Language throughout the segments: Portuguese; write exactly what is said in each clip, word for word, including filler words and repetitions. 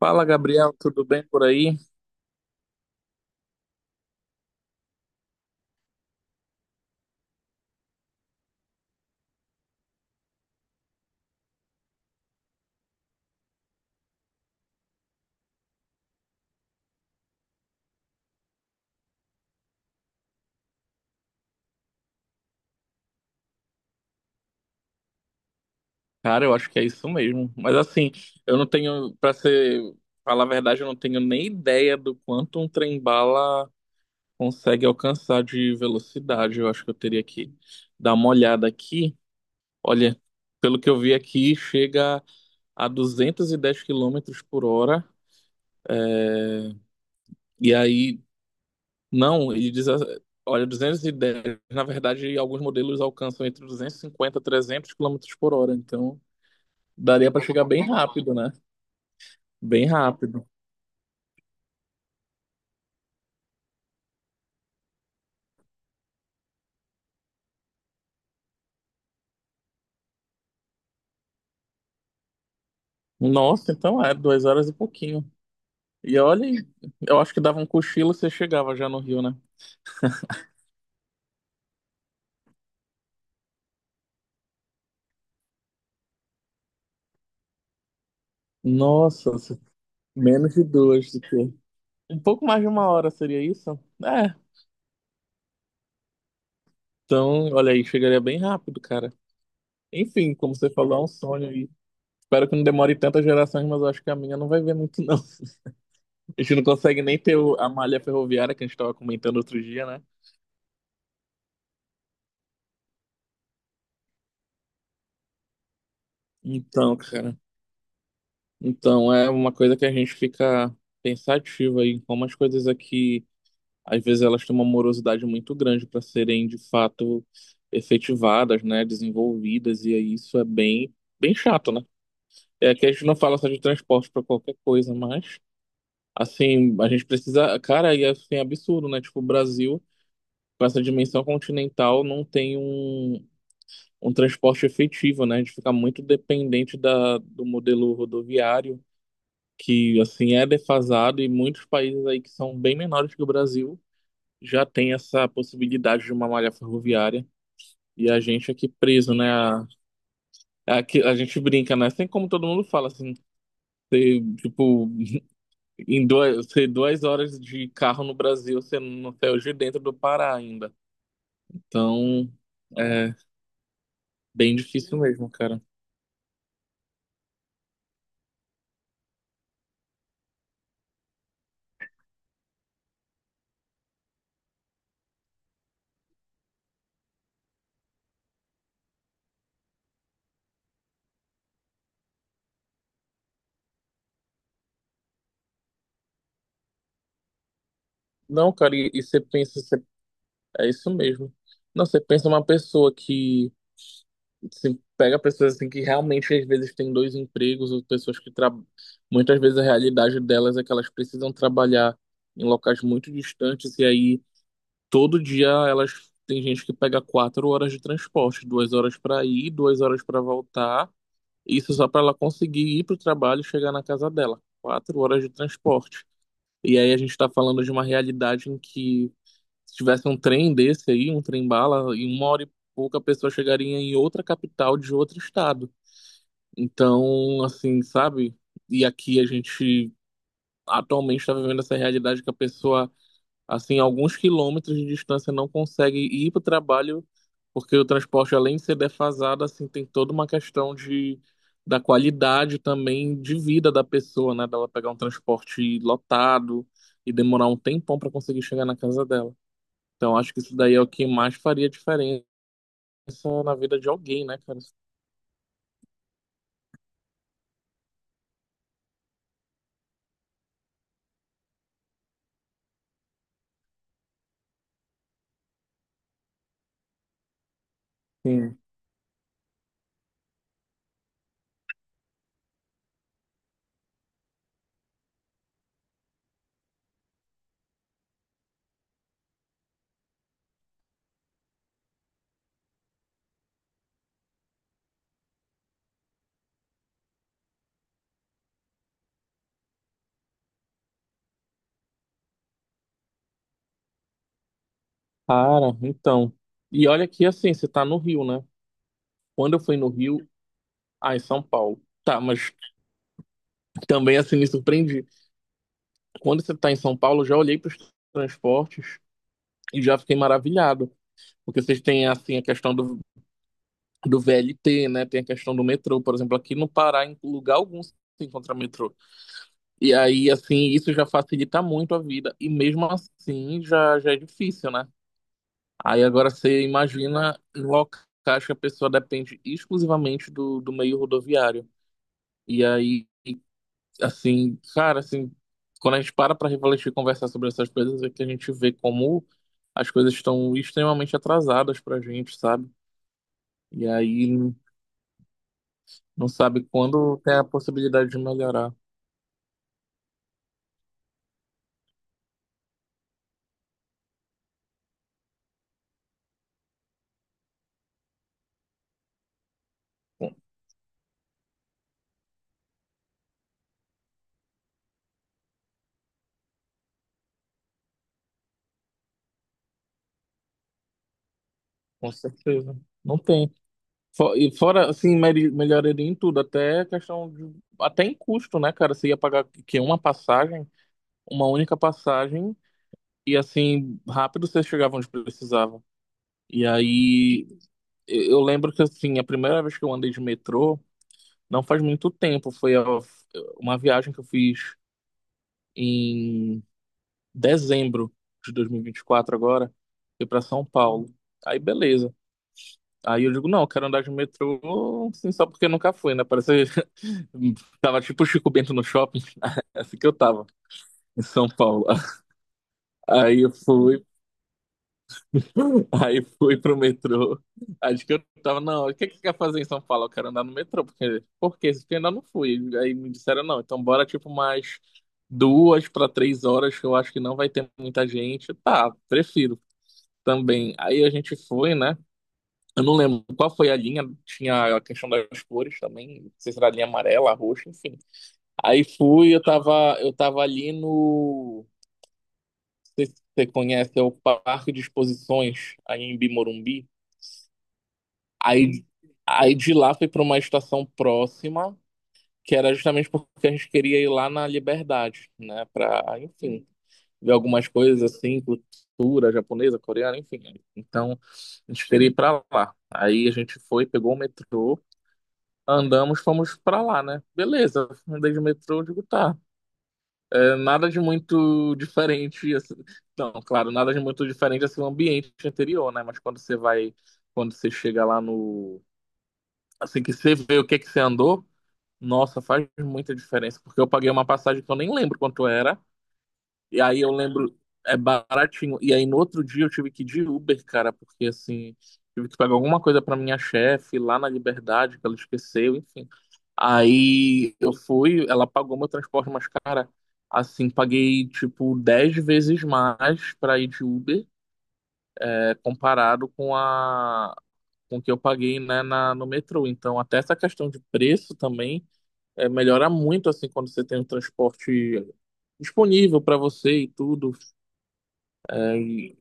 Fala, Gabriel, tudo bem por aí? Cara, eu acho que é isso mesmo. Mas assim, eu não tenho, pra ser, falar a verdade, eu não tenho nem ideia do quanto um trem-bala consegue alcançar de velocidade. Eu acho que eu teria que dar uma olhada aqui. Olha, pelo que eu vi aqui, chega a duzentos e dez quilômetros por hora. E aí, não, ele diz, a- olha, duzentos e dez, na verdade, alguns modelos alcançam entre duzentos e cinquenta e trezentos quilômetros por hora. Então, daria pra chegar bem rápido, né? Bem rápido. Nossa, então é duas horas e pouquinho. E olha, aí, eu acho que dava um cochilo e você chegava já no Rio, né? Nossa, se- menos de duas do que. Um pouco mais de uma hora seria isso? É. Então, olha aí, chegaria bem rápido, cara. Enfim, como você falou, é um sonho aí. Espero que não demore tantas gerações, mas eu acho que a minha não vai ver muito, não. A gente não consegue nem ter o- a malha ferroviária que a gente estava comentando outro dia, né? Então, cara. Então, é uma coisa que a gente fica pensativo aí, como as coisas aqui. Às vezes elas têm uma morosidade muito grande para serem de fato efetivadas, né, desenvolvidas, e aí isso é bem, bem chato, né? É que a gente não fala só de transporte para qualquer coisa, mas assim, a gente precisa, cara, e assim, é assim, absurdo, né? Tipo, o Brasil, com essa dimensão continental, não tem um, um transporte efetivo, né? A gente fica muito dependente da, do modelo rodoviário, que assim é defasado, e muitos países aí que são bem menores que o Brasil já tem essa possibilidade de uma malha ferroviária e a gente aqui preso, né? A, a, que- a gente brinca, né? Assim como todo mundo fala, assim, você, tipo, em duas, você duas horas de carro no Brasil, você não saiu de dentro do Pará ainda. Então, é bem difícil mesmo, cara. Não, cara, e, e você pensa, você- é isso mesmo. Não, você pensa uma pessoa que você pega pessoas assim que realmente às vezes têm dois empregos, ou pessoas que tra... muitas vezes a realidade delas é que elas precisam trabalhar em locais muito distantes e aí todo dia elas tem gente que pega quatro horas de transporte, duas horas para ir, duas horas para voltar, isso só para ela conseguir ir para o trabalho e chegar na casa dela, quatro horas de transporte. E aí a gente está falando de uma realidade em que se tivesse um trem desse aí, um trem bala, em uma hora e pouca a pessoa chegaria em outra capital de outro estado. Então, assim, sabe? E aqui a gente atualmente está vivendo essa realidade que a pessoa, assim, a alguns quilômetros de distância não consegue ir para o trabalho, porque o transporte, além de ser defasado, assim, tem toda uma questão de, da qualidade também de vida da pessoa, né? Dela pegar um transporte lotado e demorar um tempão para conseguir chegar na casa dela. Então, acho que isso daí é o que mais faria diferença na vida de alguém, né, cara? Sim. Cara, então. E olha que assim, você tá no Rio, né? Quando eu fui no Rio, ah, em São Paulo. Tá, mas também assim me surpreendi. Quando você tá em São Paulo, eu já olhei para os transportes e já fiquei maravilhado. Porque vocês têm assim a questão do, do V L T, né? Tem a questão do metrô. Por exemplo, aqui no Pará, em lugar algum você encontra metrô. E aí, assim, isso já facilita muito a vida. E mesmo assim já, já é difícil, né? Aí agora você imagina em locais que a pessoa depende exclusivamente do, do meio rodoviário. E aí, assim, cara, assim, quando a gente para para refletir e conversar sobre essas coisas, é que a gente vê como as coisas estão extremamente atrasadas pra gente, sabe? E aí não sabe quando tem a possibilidade de melhorar. Com certeza. Não tem. Fo- E fora, assim, meri- melhoraria em tudo, até questão de, até em custo, né, cara? Você ia pagar que uma passagem, uma única passagem. E assim, rápido vocês chegavam onde precisavam. E aí, eu eu lembro que assim, a primeira vez que eu andei de metrô, não faz muito tempo, foi a- uma viagem que eu fiz em dezembro de dois mil e e vinte e quatro agora, fui para São Paulo. Aí beleza. Aí eu digo, não, eu quero andar de metrô, assim, só porque nunca fui, né? Parece tava tipo Chico Bento no shopping, é assim que eu tava em São Paulo. Aí eu fui, aí fui pro metrô. Acho que eu tava, não, o que que quer fazer em São Paulo? Eu quero andar no metrô, porque, porque eu ainda não fui. Aí me disseram, não, então bora tipo mais duas para três horas, que eu acho que não vai ter muita gente. Tá, prefiro também. Aí a gente foi, né? Eu não lembro qual foi a linha, tinha a questão das cores também, não sei se era a linha amarela, roxa, enfim. Aí fui, eu tava, eu tava ali no. Não sei se você conhece, é o Parque de Exposições, aí em Bimorumbi. Aí, aí de lá foi para uma estação próxima, que era justamente porque a gente queria ir lá na Liberdade, né? Para, enfim, ver algumas coisas assim, cultura japonesa, coreana, enfim. Então, a gente queria ir para lá. Aí a gente foi, pegou o metrô, andamos, fomos para lá, né? Beleza, andei de metrô, digo, tá. É, nada de muito diferente, assim. Não, claro, nada de muito diferente assim, o ambiente anterior, né? Mas quando você vai, quando você chega lá no assim que você vê o que é que você andou, nossa, faz muita diferença, porque eu paguei uma passagem que eu nem lembro quanto era, e aí eu lembro, é baratinho, e aí no outro dia eu tive que ir de Uber, cara, porque assim, tive que pagar alguma coisa pra minha chefe lá na Liberdade, que ela esqueceu, enfim. Aí eu fui, ela pagou meu transporte, mas cara, assim, paguei tipo dez vezes mais pra ir de Uber, é, comparado com a com o que eu paguei, né, na, no metrô. Então, até essa questão de preço também é, melhora muito assim quando você tem o transporte disponível para você e tudo. É, e-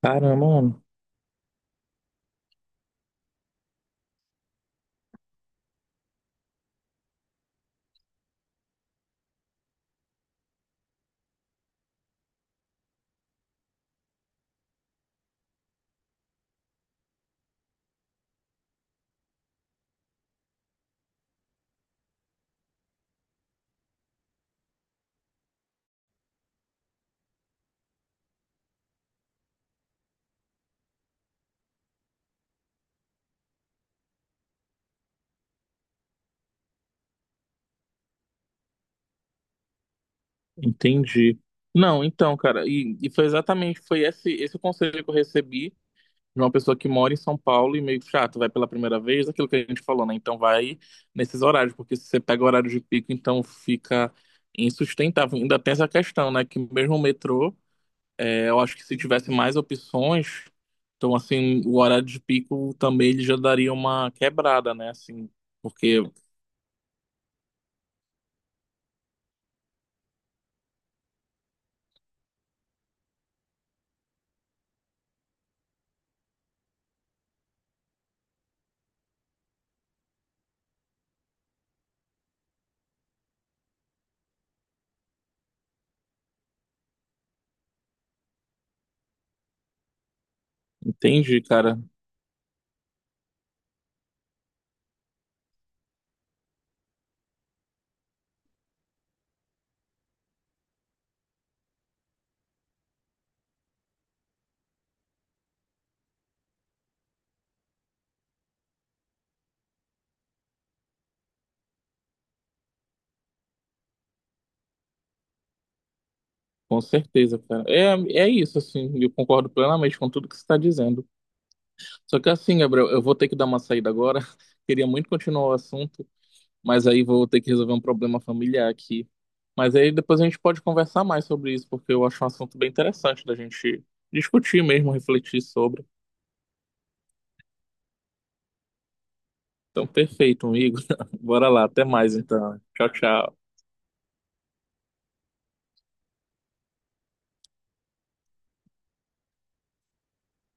caramba, mano, entendi. Não, então, cara, e, e foi exatamente, foi esse, esse o conselho que eu recebi de uma pessoa que mora em São Paulo e meio chato, vai pela primeira vez, aquilo que a gente falou, né? Então vai nesses horários, porque se você pega horário de pico, então fica insustentável. Ainda tem essa questão, né? Que mesmo o metrô. É, eu acho que se tivesse mais opções, então assim, o horário de pico também ele já daria uma quebrada, né? Assim, porque entendi, cara. Com certeza, cara. É, é isso, assim, eu concordo plenamente com tudo que você está dizendo. Só que assim, Gabriel, eu vou ter que dar uma saída agora. Queria muito continuar o assunto, mas aí vou ter que resolver um problema familiar aqui. Mas aí depois a gente pode conversar mais sobre isso, porque eu acho um assunto bem interessante da gente discutir mesmo, refletir sobre. Então, perfeito, amigo. Bora lá, até mais então. Tchau, tchau.